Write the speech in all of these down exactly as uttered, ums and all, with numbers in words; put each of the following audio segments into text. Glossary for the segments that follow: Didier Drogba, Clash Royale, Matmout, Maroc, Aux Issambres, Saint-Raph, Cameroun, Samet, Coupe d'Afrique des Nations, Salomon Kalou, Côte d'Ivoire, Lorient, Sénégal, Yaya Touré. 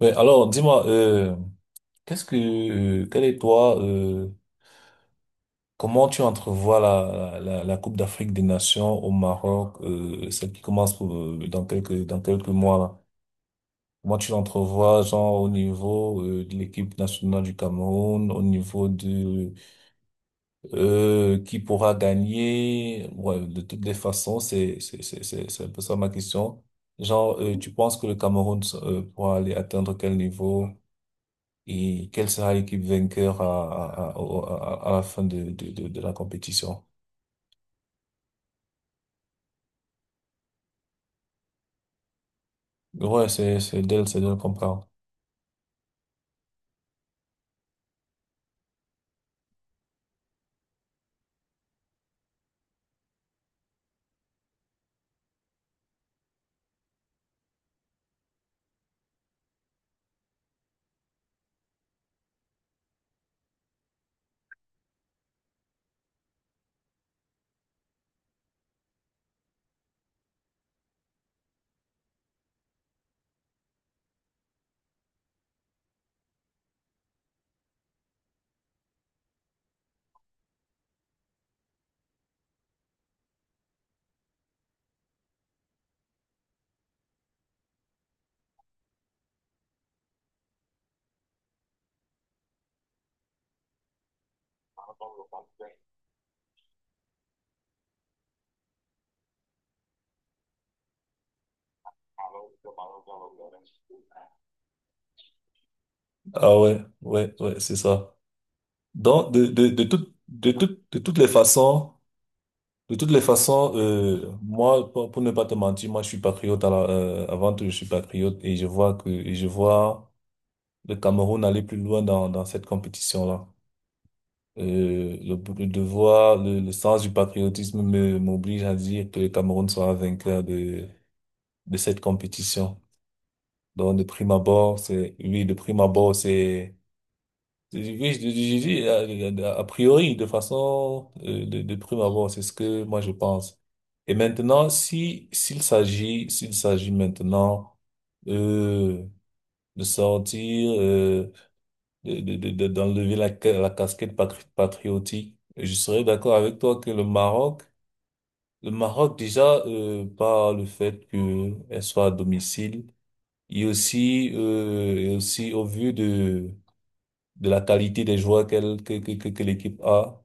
Ouais, alors dis-moi, euh, qu'est-ce que, euh, quel est toi, euh, comment tu entrevois la, la, la Coupe d'Afrique des Nations au Maroc, euh, celle qui commence pour, euh, dans quelques, dans quelques mois là? Comment tu l'entrevois, genre au niveau euh, de l'équipe nationale du Cameroun, au niveau de euh, qui pourra gagner? Ouais, de toutes les façons, c'est c'est c'est c'est c'est un peu ça ma question. Genre, euh, tu penses que le Cameroun euh, pourra aller atteindre quel niveau? Et quelle sera l'équipe vainqueur à, à, à, au- à- à la fin de, de, de, de la compétition. Ouais, c'est, c'est d'elle, c'est d'elle comprendre. Ah ouais, ouais, ouais, c'est ça. Donc, de, de, de toutes, de toutes, de toutes les façons, de toutes les façons, euh, moi, pour, pour ne pas te mentir, moi, je suis patriote à la, euh, avant tout, je suis patriote et je vois que, et je vois le Cameroun aller plus loin dans, dans cette compétition-là. Euh, le, le devoir, le, le sens du patriotisme me, m'oblige à dire que le Cameroun sera vainqueur de de cette compétition. Donc, de prime abord, c'est, oui, de prime abord, c'est, oui, je, je- je dis, a, a priori, de façon, euh, de, de prime abord, c'est ce que moi je pense. Et maintenant, si, s'il s'agit, s'il s'agit maintenant, euh, de sortir, euh, de, de, de, de- d'enlever la, ca- la casquette patri- patriotique, je serais d'accord avec toi que le Maroc, le Maroc déjà, euh, par le fait qu'elle soit à domicile. Et aussi, euh, et aussi au vu de, de la qualité des joueurs qu'elle, que, que, que, que l'équipe a,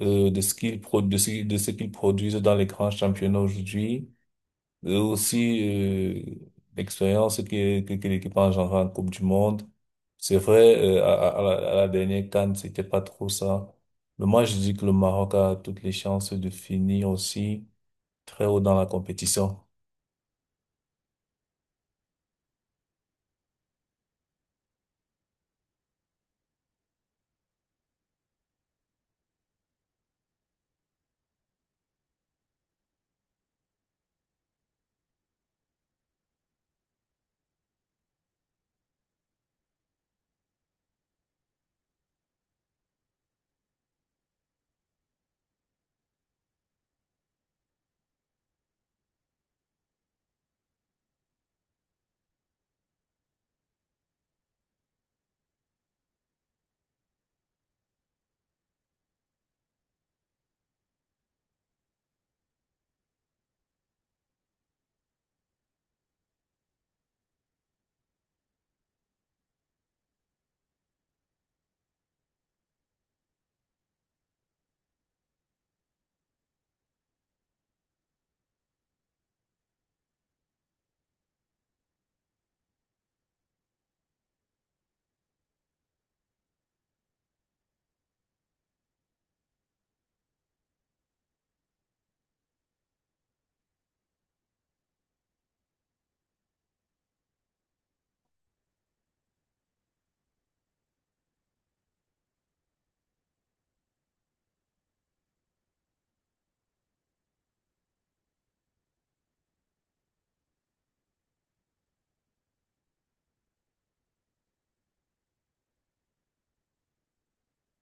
euh, de ce qu'ils pro, de ce, de ce qu'ils produisent dans les grands championnats aujourd'hui, et aussi euh, l'expérience que, que, que l'équipe a engendrée en Coupe du Monde. C'est vrai, euh, à, à, à la à la dernière CAN, c'était pas trop ça. Mais moi, je dis que le Maroc a toutes les chances de finir aussi très haut dans la compétition.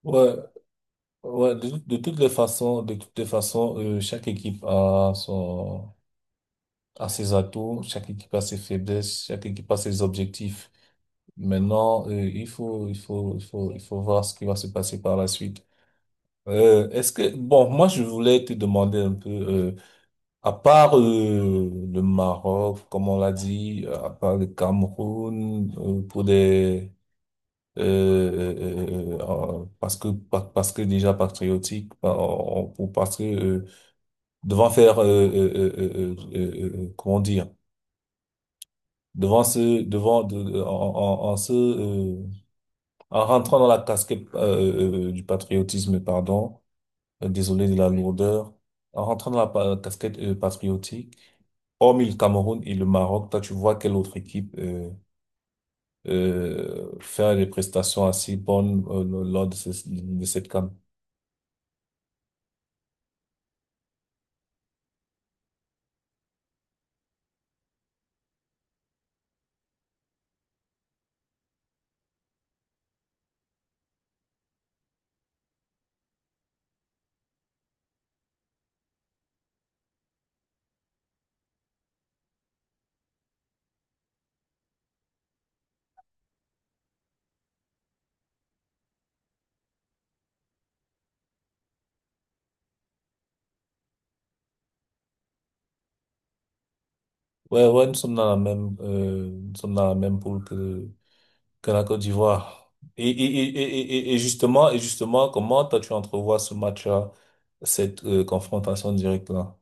Ouais, ouais, de, de toutes les façons, de toutes les façons, euh, chaque équipe a son, a ses atouts, chaque équipe a ses faiblesses, chaque équipe a ses objectifs. Maintenant, euh, il faut, il faut, il faut, il faut voir ce qui va se passer par la suite. Euh, est-ce que, bon, moi, je voulais te demander un peu, euh, à part, euh, le Maroc, comme on l'a dit, à part le Cameroun, euh, pour des, euh, euh, euh, euh, euh, parce que, parce que déjà patriotique, bah, on- on- pour parce que, euh, devant faire euh, euh, euh, euh, euh, euh, euh, euh, euh, comment dire devant ce devant de, de- en, en, en se euh, en rentrant dans la casquette euh, euh, euh, du patriotisme pardon, euh, désolé de la lourdeur, en rentrant dans la pa- casquette euh, patriotique, hormis le Cameroun et le Maroc, toi tu vois quelle autre équipe euh, euh, faire des prestations assez bonnes euh, lors de ce- de cette CAN? Ouais, ouais, nous sommes dans la même euh, nous sommes dans la même poule que que la Côte d'Ivoire. Et, et, et, et, et et justement, et justement, comment toi tu entrevois ce match-là, cette euh, confrontation directe-là?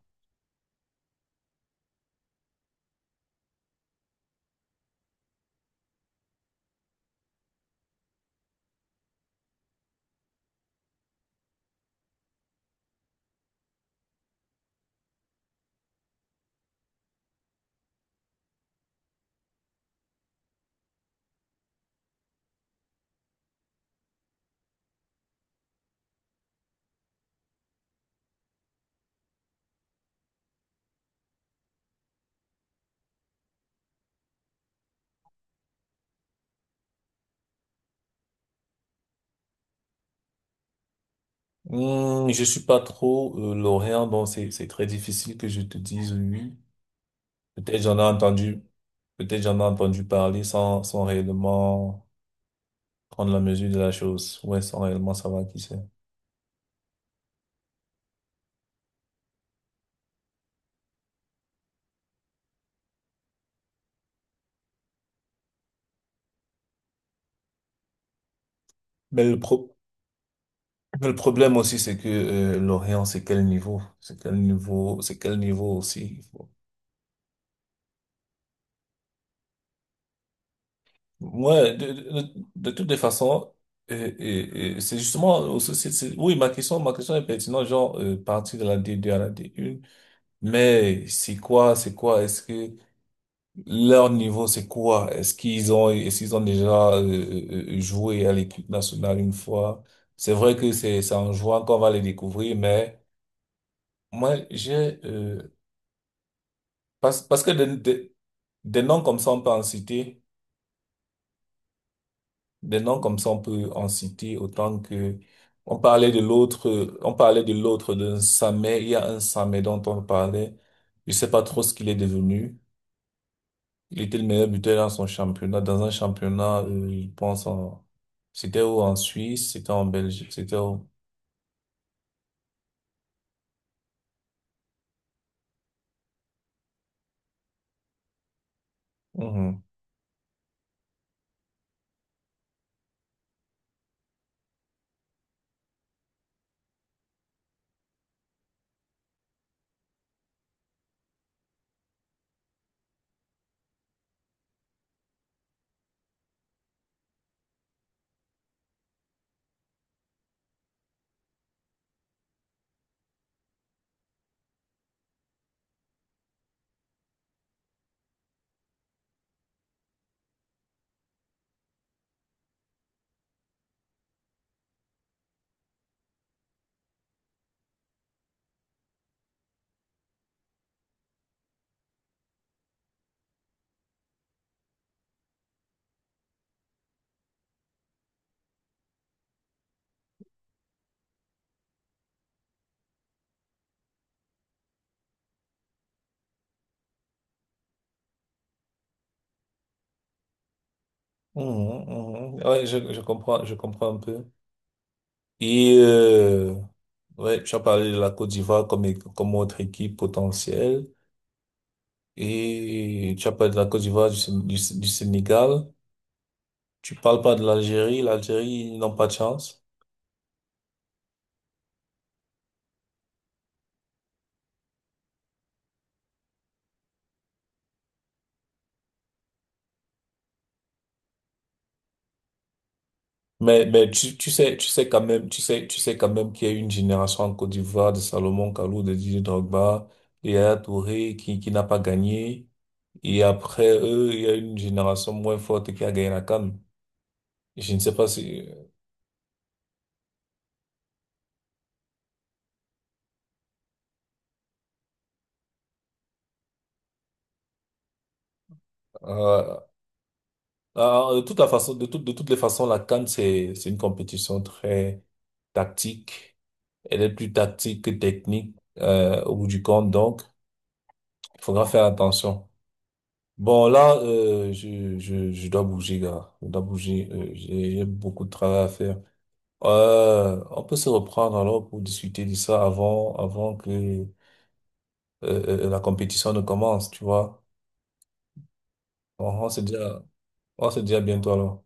Hmm, je suis pas trop euh, lorrain, donc c'est c'est très difficile que je te dise oui. Oui. Peut-être j'en ai entendu, peut-être j'en ai entendu parler sans sans réellement prendre la mesure de la chose. Ouais, sans réellement savoir qui c'est. Mais le pro mais le problème aussi, c'est que euh, Lorient, c'est quel niveau? C'est quel niveau? C'est quel niveau aussi? Ouais, de, de, de de toutes les façons, et, et, et c'est justement aussi, c'est, c'est- oui, ma question, ma question est pertinente, genre, euh, partir de la d deux à la D un, mais c'est quoi, c'est quoi, est-ce que leur niveau, c'est quoi? Est-ce qu'ils ont, est-ce qu'ils ont déjà euh, euh, euh, joué à l'équipe nationale une fois? C'est vrai que c'est, c'est en jouant qu'on va les découvrir, mais moi, j'ai, euh, parce, parce que des des des noms comme ça, on peut en citer. Des noms comme ça, on peut en citer autant que on parlait de l'autre, euh, on parlait de l'autre d'un Samet. Il y a un Samet dont on parlait. Je sais pas trop ce qu'il est devenu. Il était le meilleur buteur dans son championnat, dans un championnat, euh, je pense en, c'était où, en Suisse, c'était en Belgique, c'était où? Mhm. Mhm, mhm. Ouais, je, je comprends, je comprends un peu. Et euh, ouais, tu as parlé de la Côte d'Ivoire comme é- comme autre équipe potentielle. Et tu as parlé de la Côte d'Ivoire, du, Sén- du, Sén- du Sénégal. Tu parles pas de l'Algérie. L'Algérie, ils n'ont pas de chance. Mais, mais tu, tu sais, tu sais quand même, tu sais, tu sais quand même qu'il y a eu une génération en Côte d'Ivoire, de Salomon Kalou, de Didier Drogba, de Yaya Touré qui, qui n'a pas gagné. Et après eux, il y a une génération moins forte qui a gagné la CAN. Je ne sais pas si, euh, ah, ah, de toute la façon, de toute, de toutes les façons, la CAN, c'est, c'est une compétition très tactique. Elle est plus tactique que technique, euh, au bout du compte, donc il faudra faire attention. Bon, là, euh, je, je, je dois bouger, gars. Je dois bouger. euh, j'ai j'ai beaucoup de travail à faire. Euh, on peut se reprendre alors pour discuter de ça avant, avant que euh, euh, la compétition ne commence, tu vois. On, on se dit à, on se dit à bientôt alors.